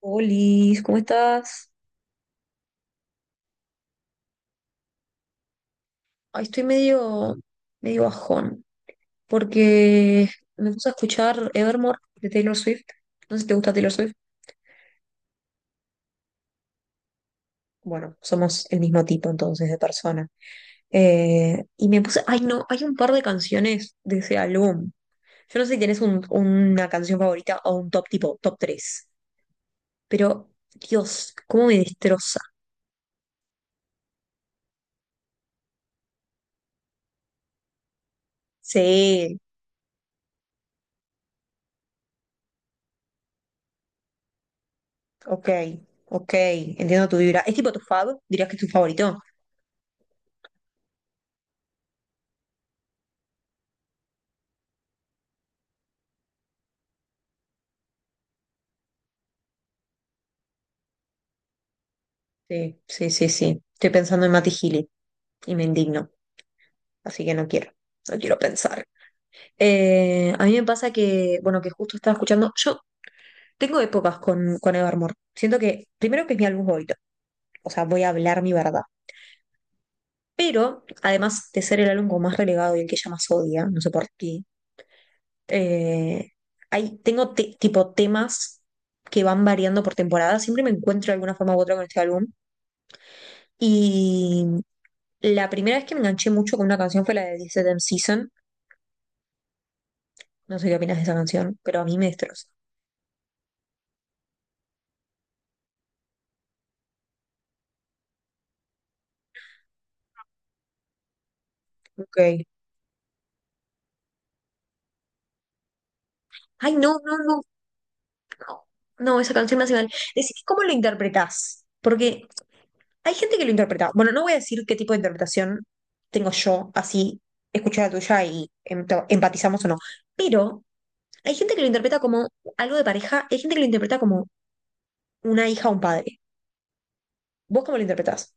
Olis, ¿cómo estás? Ay, estoy medio bajón, porque me puse a escuchar Evermore de Taylor Swift. No sé si te gusta Taylor Swift. Bueno, somos el mismo tipo entonces de persona. Y me puse, ay no, hay un par de canciones de ese álbum. Yo no sé si tienes una canción favorita o un top tipo, top 3. Pero Dios, cómo me destroza. Sí, ok, ok, entiendo tu vibra. ¿Es tipo tu fab? ¿Dirías que es tu favorito? Sí, sí, sí, sí. Estoy pensando en Mati Gili y me indigno, así que no no quiero pensar. A mí me pasa que, bueno, que justo estaba escuchando, yo tengo épocas con Evermore. Siento que, primero, que es mi álbum favorito, o sea, voy a hablar mi verdad. Pero, además de ser el álbum como más relegado y el que ella más odia, no sé por qué, eh, hay, tengo tipo temas que van variando por temporada. Siempre me encuentro de alguna forma u otra con este álbum. La primera vez que me enganché mucho con una canción fue la de This Damn Season. No sé qué opinas de esa canción, pero a mí me destroza. Ok. Ay, no, no, no, no, no, esa canción me hace mal. Decime cómo lo interpretás, porque hay gente que lo interpreta. Bueno, no voy a decir qué tipo de interpretación tengo yo, así escuché la tuya y empatizamos o no, pero hay gente que lo interpreta como algo de pareja, hay gente que lo interpreta como una hija o un padre. ¿Vos cómo lo interpretás?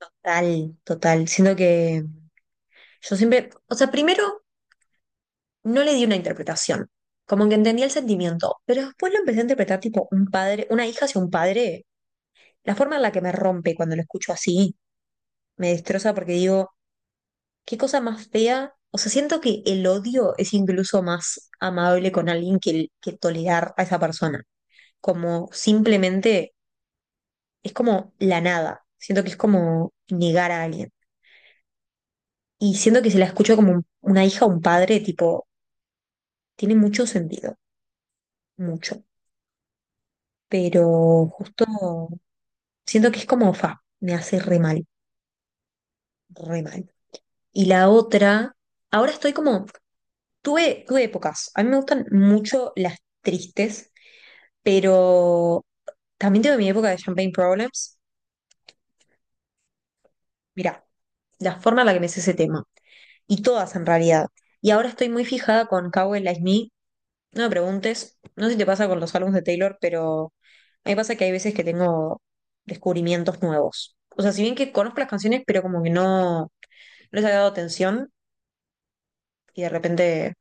Total, total. Siento que yo siempre, o sea, primero no le di una interpretación. Como que entendí el sentimiento, pero después lo empecé a interpretar tipo un padre, una hija hacia un padre. La forma en la que me rompe cuando lo escucho así me destroza porque digo, qué cosa más fea. O sea, siento que el odio es incluso más amable con alguien que, que tolerar a esa persona. Como simplemente es como la nada. Siento que es como negar a alguien. Y siento que si la escucho como una hija o un padre, tipo, tiene mucho sentido, mucho. Pero justo siento que es como, fa, me hace re mal, re mal. Y la otra, ahora estoy como, tuve épocas. A mí me gustan mucho las tristes, pero también tuve mi época de Champagne Problems. Mirá, la forma en la que me hice ese tema. Y todas en realidad. Y ahora estoy muy fijada con Cowboy Like Me. No me preguntes, no sé si te pasa con los álbumes de Taylor, pero a mí me pasa que hay veces que tengo descubrimientos nuevos. O sea, si bien que conozco las canciones, pero como que no les había dado atención. Y de repente,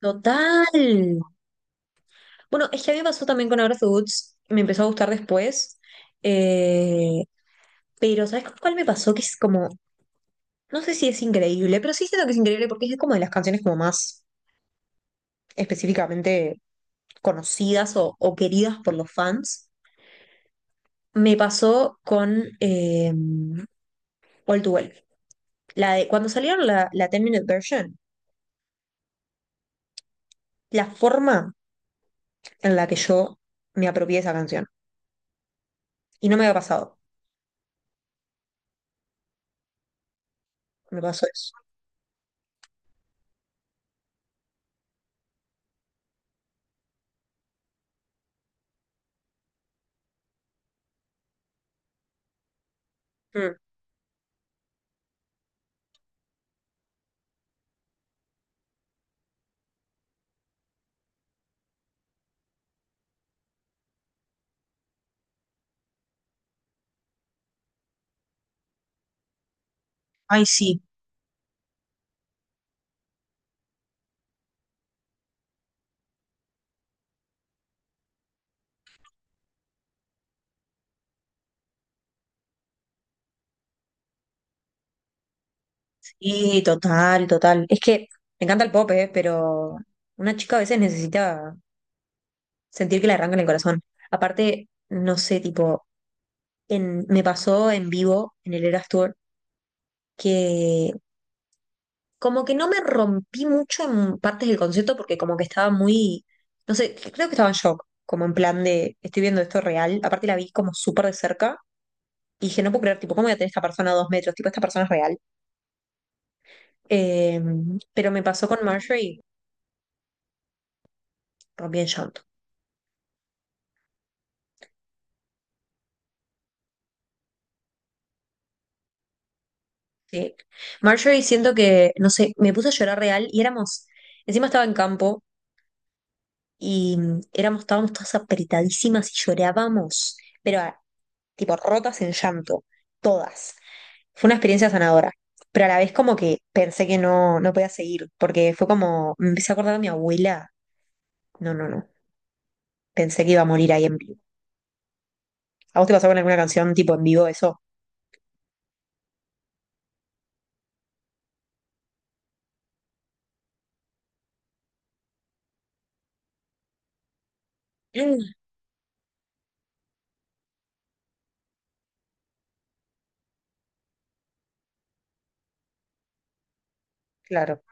total. Bueno, es que a mí me pasó también con Agra Foods, me empezó a gustar después, eh, pero ¿sabes con cuál me pasó? Que es como, no sé si es increíble, pero sí siento que es increíble porque es como de las canciones como más específicamente conocidas o queridas por los fans. Me pasó con All Too Well. La de, cuando salieron la 10-minute version, la forma en la que yo me apropié de esa canción. Y no me había pasado, me pasó eso. Mm. Ay, sí, y total, total. Es que me encanta el pop, ¿eh? Pero una chica a veces necesita sentir que le arrancan el corazón. Aparte, no sé, tipo, me pasó en vivo en el Eras Tour, que como que no me rompí mucho en partes del concierto porque como que estaba muy, no sé, creo que estaba en shock, como en plan de, estoy viendo esto real. Aparte la vi como súper de cerca y dije, no puedo creer, tipo, ¿cómo voy a tener esta persona a dos metros? Tipo, esta persona es real. Eh, pero me pasó con Marjorie, rompí en shock. Sí. Marjorie, siento que, no sé, me puse a llorar real y éramos, encima estaba en campo y éramos, estábamos todas apretadísimas y llorábamos, pero ah, tipo rotas en llanto, todas. Fue una experiencia sanadora, pero a la vez como que pensé que no podía seguir, porque fue como, me empecé a acordar de mi abuela. No, no, no, pensé que iba a morir ahí en vivo. ¿A vos te pasó con alguna canción tipo en vivo eso? Mm. Claro.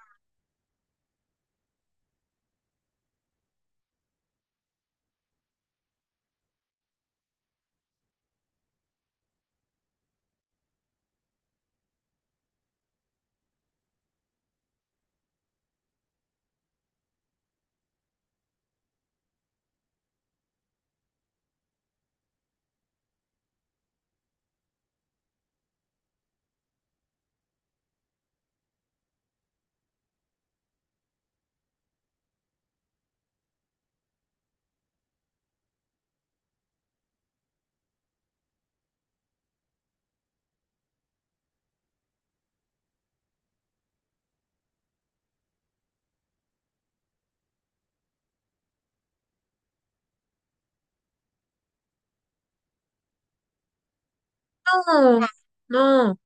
No, no,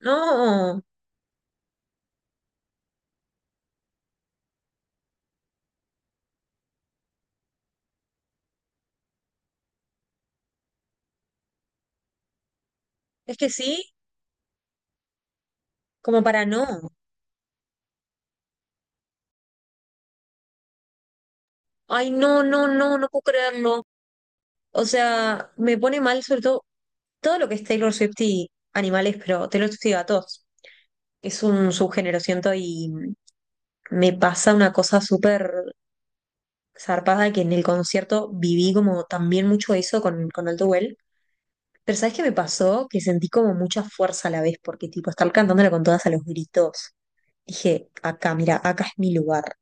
no. Es que sí, como para no. Ay, no, no, no, no puedo creerlo. O sea, me pone mal sobre todo todo lo que es Taylor Swift y animales, pero Taylor Swift y gatos. Es un subgénero, siento, y me pasa una cosa súper zarpada que en el concierto viví como también mucho eso con Alto Well. Pero ¿sabes qué me pasó? Que sentí como mucha fuerza a la vez, porque tipo, estar cantándola con todas a los gritos. Dije, acá, mira, acá es mi lugar.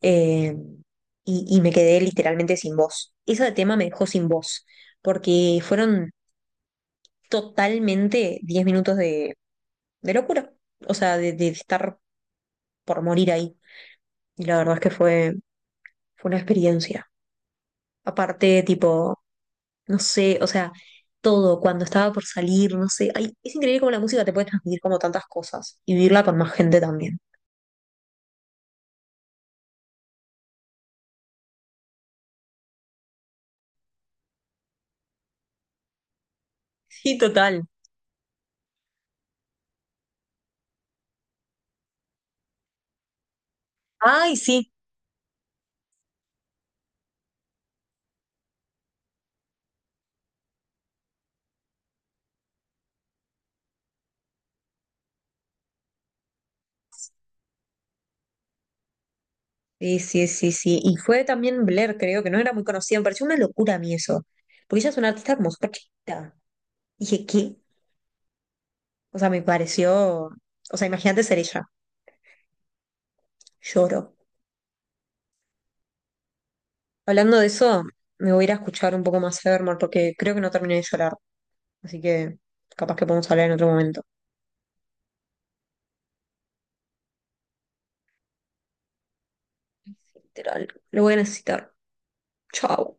eh, y, y me quedé literalmente sin voz. Ese tema me dejó sin voz, porque fueron totalmente 10 minutos de locura, o sea, de estar por morir ahí. Y la verdad es que fue, fue una experiencia. Aparte, tipo, no sé, o sea, todo, cuando estaba por salir, no sé, ay, es increíble cómo la música te puede transmitir como tantas cosas y vivirla con más gente también. Sí, total. Ay, sí. Sí, sí, sí, sí. Y fue también Blair, creo, que no era muy conocida. Me pareció una locura a mí eso. Porque ella es una artista como súper chiquita. Dije, ¿qué? O sea, me pareció. O sea, imagínate ser ella. Lloro. Hablando de eso, me voy a ir a escuchar un poco más Evermore porque creo que no terminé de llorar. Así que capaz que podemos hablar en otro momento. Literal. Lo voy a necesitar. Chao.